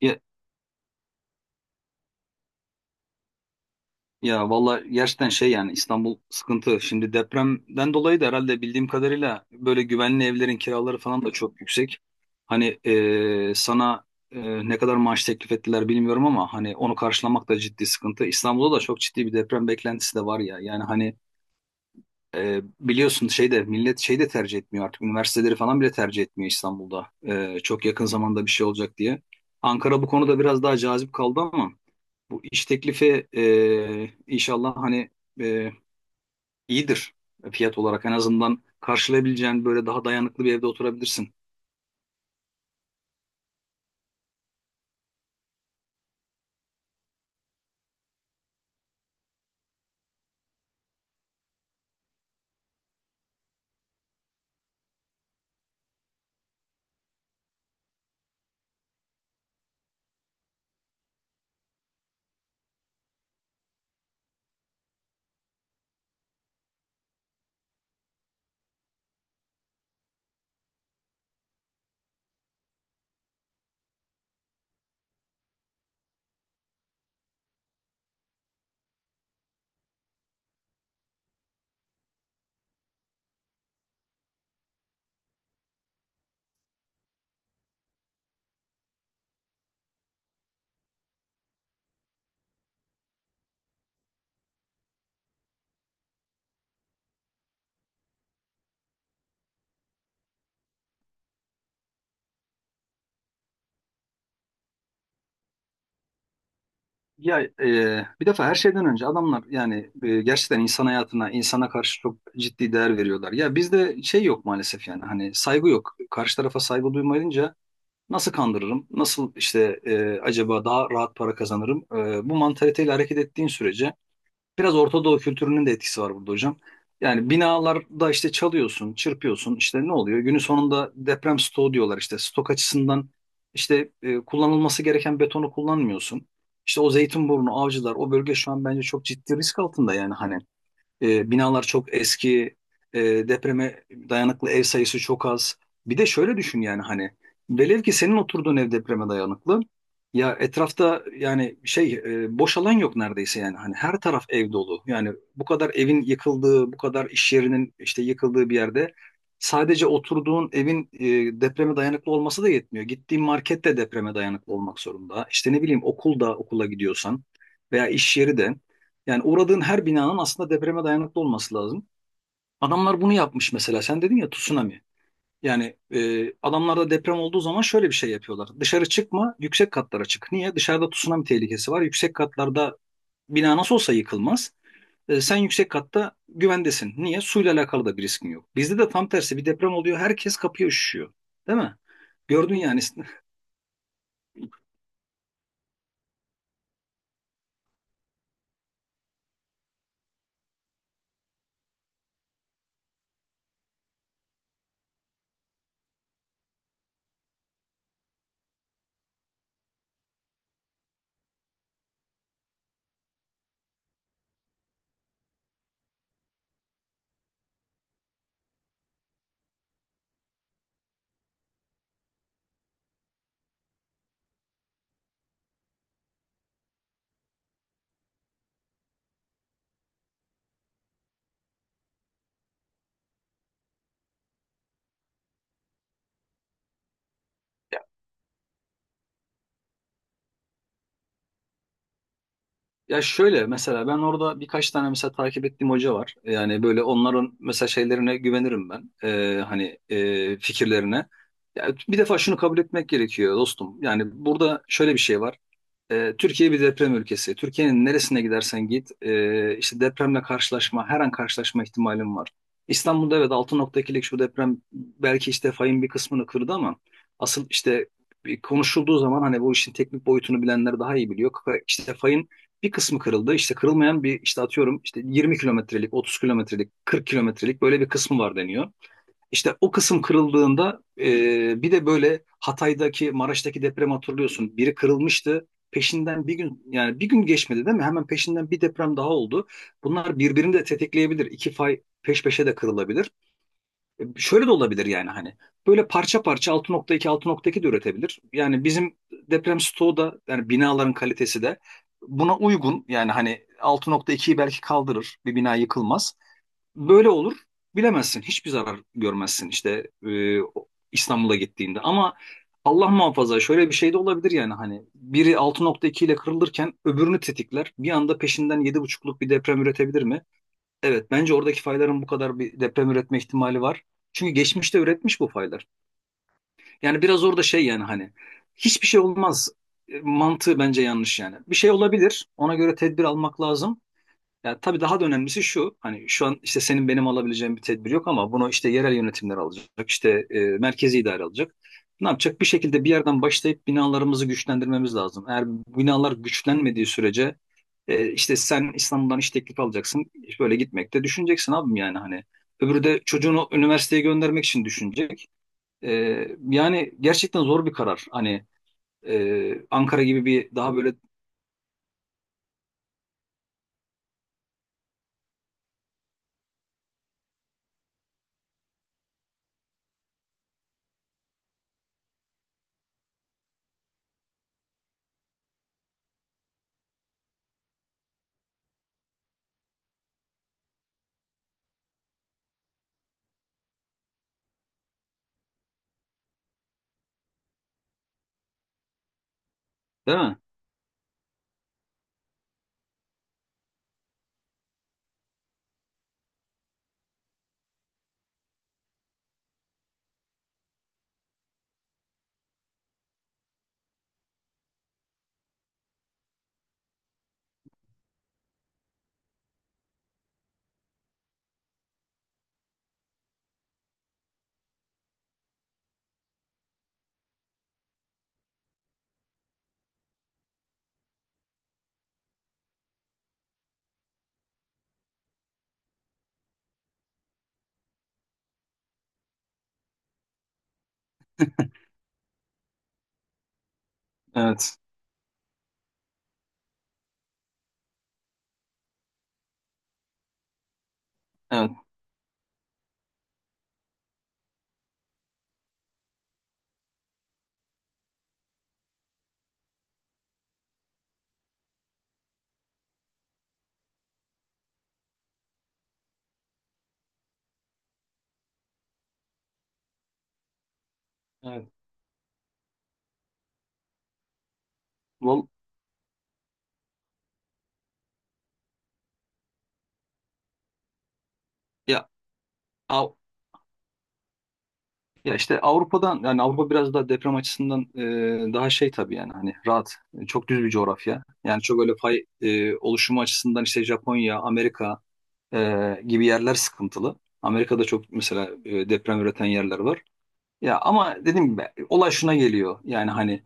Ya, ya, valla gerçekten şey yani İstanbul sıkıntı. Şimdi depremden dolayı da herhalde bildiğim kadarıyla böyle güvenli evlerin kiraları falan da çok yüksek. Hani sana ne kadar maaş teklif ettiler bilmiyorum ama hani onu karşılamak da ciddi sıkıntı. İstanbul'da da çok ciddi bir deprem beklentisi de var ya. Yani hani biliyorsun şeyde millet şey de tercih etmiyor artık. Üniversiteleri falan bile tercih etmiyor İstanbul'da. Çok yakın zamanda bir şey olacak diye. Ankara bu konuda biraz daha cazip kaldı ama. Bu iş teklifi inşallah hani e, iyidir, fiyat olarak en azından karşılayabileceğin böyle daha dayanıklı bir evde oturabilirsin. Ya bir defa her şeyden önce adamlar yani gerçekten insan hayatına, insana karşı çok ciddi değer veriyorlar. Ya bizde şey yok maalesef, yani hani saygı yok. Karşı tarafa saygı duymayınca nasıl kandırırım, nasıl işte acaba daha rahat para kazanırım? Bu mantaliteyle hareket ettiğin sürece biraz Orta Doğu kültürünün de etkisi var burada hocam. Yani binalarda işte çalıyorsun, çırpıyorsun, işte ne oluyor? Günün sonunda deprem stoğu diyorlar işte. Stok açısından işte kullanılması gereken betonu kullanmıyorsun. İşte o Zeytinburnu, Avcılar, o bölge şu an bence çok ciddi risk altında yani hani. Binalar çok eski, e, depreme dayanıklı ev sayısı çok az. Bir de şöyle düşün yani hani velev ki senin oturduğun ev depreme dayanıklı. Ya etrafta yani şey boş alan yok neredeyse, yani hani her taraf ev dolu. Yani bu kadar evin yıkıldığı, bu kadar iş yerinin işte yıkıldığı bir yerde sadece oturduğun evin depreme dayanıklı olması da yetmiyor. Gittiğin market de depreme dayanıklı olmak zorunda. İşte ne bileyim, okulda okula gidiyorsan veya iş yeri de. Yani uğradığın her binanın aslında depreme dayanıklı olması lazım. Adamlar bunu yapmış mesela. Sen dedin ya, tsunami. Yani adamlar da deprem olduğu zaman şöyle bir şey yapıyorlar. Dışarı çıkma, yüksek katlara çık. Niye? Dışarıda tsunami tehlikesi var. Yüksek katlarda bina nasıl olsa yıkılmaz. Sen yüksek katta güvendesin. Niye? Suyla alakalı da bir riskin yok. Bizde de tam tersi bir deprem oluyor. Herkes kapıya üşüşüyor. Değil mi? Gördün yani. Ya şöyle, mesela ben orada birkaç tane mesela takip ettiğim hoca var. Yani böyle onların mesela şeylerine güvenirim ben. Hani fikirlerine. Ya bir defa şunu kabul etmek gerekiyor dostum. Yani burada şöyle bir şey var. Türkiye bir deprem ülkesi. Türkiye'nin neresine gidersen git, işte depremle karşılaşma, her an karşılaşma ihtimalin var. İstanbul'da evet, 6.2'lik şu deprem belki işte fayın bir kısmını kırdı ama asıl işte bir konuşulduğu zaman hani bu işin teknik boyutunu bilenler daha iyi biliyor. İşte fayın bir kısmı kırıldı. İşte kırılmayan bir, işte atıyorum işte 20 kilometrelik, 30 kilometrelik, 40 kilometrelik böyle bir kısmı var deniyor. İşte o kısım kırıldığında bir de böyle Hatay'daki, Maraş'taki deprem, hatırlıyorsun. Biri kırılmıştı. Peşinden bir gün, yani bir gün geçmedi değil mi? Hemen peşinden bir deprem daha oldu. Bunlar birbirini de tetikleyebilir. İki fay peş peşe de kırılabilir. Şöyle de olabilir yani hani. Böyle parça parça 6.2 6.2 de üretebilir. Yani bizim deprem stoğu da, yani binaların kalitesi de buna uygun. Yani hani 6.2'yi belki kaldırır. Bir bina yıkılmaz. Böyle olur. Bilemezsin. Hiçbir zarar görmezsin işte İstanbul'a gittiğinde. Ama Allah muhafaza, şöyle bir şey de olabilir yani hani biri 6.2 ile kırılırken öbürünü tetikler. Bir anda peşinden 7.5'luk bir deprem üretebilir mi? Evet, bence oradaki fayların bu kadar bir deprem üretme ihtimali var. Çünkü geçmişte üretmiş bu faylar. Yani biraz orada şey, yani hani hiçbir şey olmaz mantığı bence yanlış yani. Bir şey olabilir. Ona göre tedbir almak lazım. Ya tabii daha da önemlisi şu, hani şu an işte senin benim alabileceğim bir tedbir yok, ama bunu işte yerel yönetimler alacak, işte merkezi idare alacak. Ne yapacak? Bir şekilde bir yerden başlayıp binalarımızı güçlendirmemiz lazım. Eğer binalar güçlenmediği sürece işte sen İstanbul'dan iş teklifi alacaksın, böyle gitmekte düşüneceksin abim, yani hani. Öbürü de çocuğunu üniversiteye göndermek için düşünecek. E, Yani gerçekten zor bir karar. Hani Ankara gibi bir daha böyle, değil mi? Evet, evet, evet. Val- Ya, Av- Ya işte Avrupa'dan, yani Avrupa biraz daha deprem açısından daha şey tabii yani hani, rahat çok düz bir coğrafya. Yani çok öyle fay oluşumu açısından işte Japonya, Amerika gibi yerler sıkıntılı. Amerika'da çok mesela deprem üreten yerler var. Ya ama dediğim gibi olay şuna geliyor. Yani hani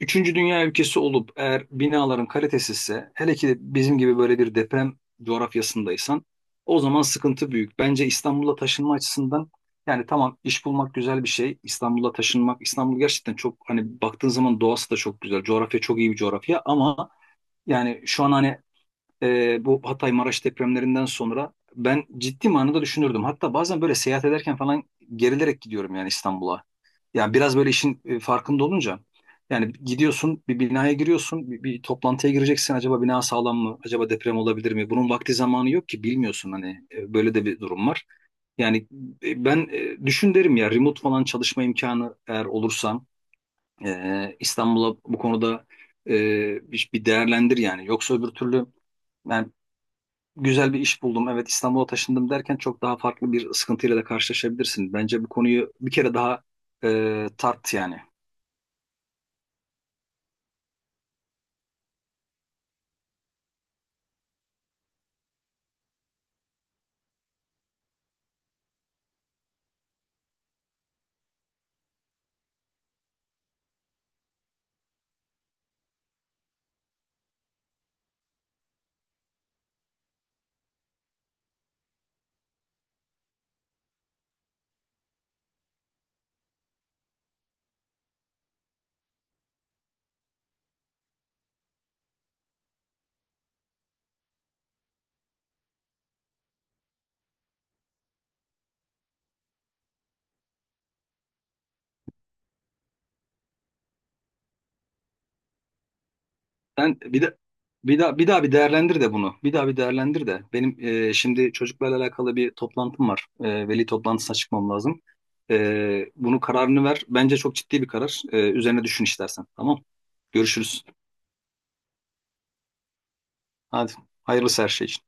üçüncü dünya ülkesi olup eğer binaların kalitesizse, hele ki de bizim gibi böyle bir deprem coğrafyasındaysan, o zaman sıkıntı büyük. Bence İstanbul'a taşınma açısından, yani tamam, iş bulmak güzel bir şey. İstanbul'a taşınmak, İstanbul gerçekten çok hani baktığın zaman doğası da çok güzel. Coğrafya çok iyi bir coğrafya ama yani şu an hani bu Hatay Maraş depremlerinden sonra ben ciddi manada düşünürdüm. Hatta bazen böyle seyahat ederken falan gerilerek gidiyorum yani İstanbul'a. Yani biraz böyle işin farkında olunca yani gidiyorsun, bir binaya giriyorsun, bir toplantıya gireceksin, acaba bina sağlam mı, acaba deprem olabilir mi, bunun vakti zamanı yok ki, bilmiyorsun hani. Böyle de bir durum var. Yani ben düşün derim ya, remote falan çalışma imkanı eğer olursam İstanbul'a bu konuda e, bir değerlendir yani, yoksa öbür türlü yani güzel bir iş buldum, evet İstanbul'a taşındım derken çok daha farklı bir sıkıntıyla da karşılaşabilirsin. Bence bu konuyu bir kere daha tart yani. Ben bir de bir daha bir değerlendir de bunu. Bir daha bir değerlendir de. Benim şimdi çocuklarla alakalı bir toplantım var. Veli toplantısına çıkmam lazım. Bunu, kararını ver. Bence çok ciddi bir karar. Üzerine düşün istersen. Tamam. Görüşürüz. Hadi. Hayırlısı her şey için.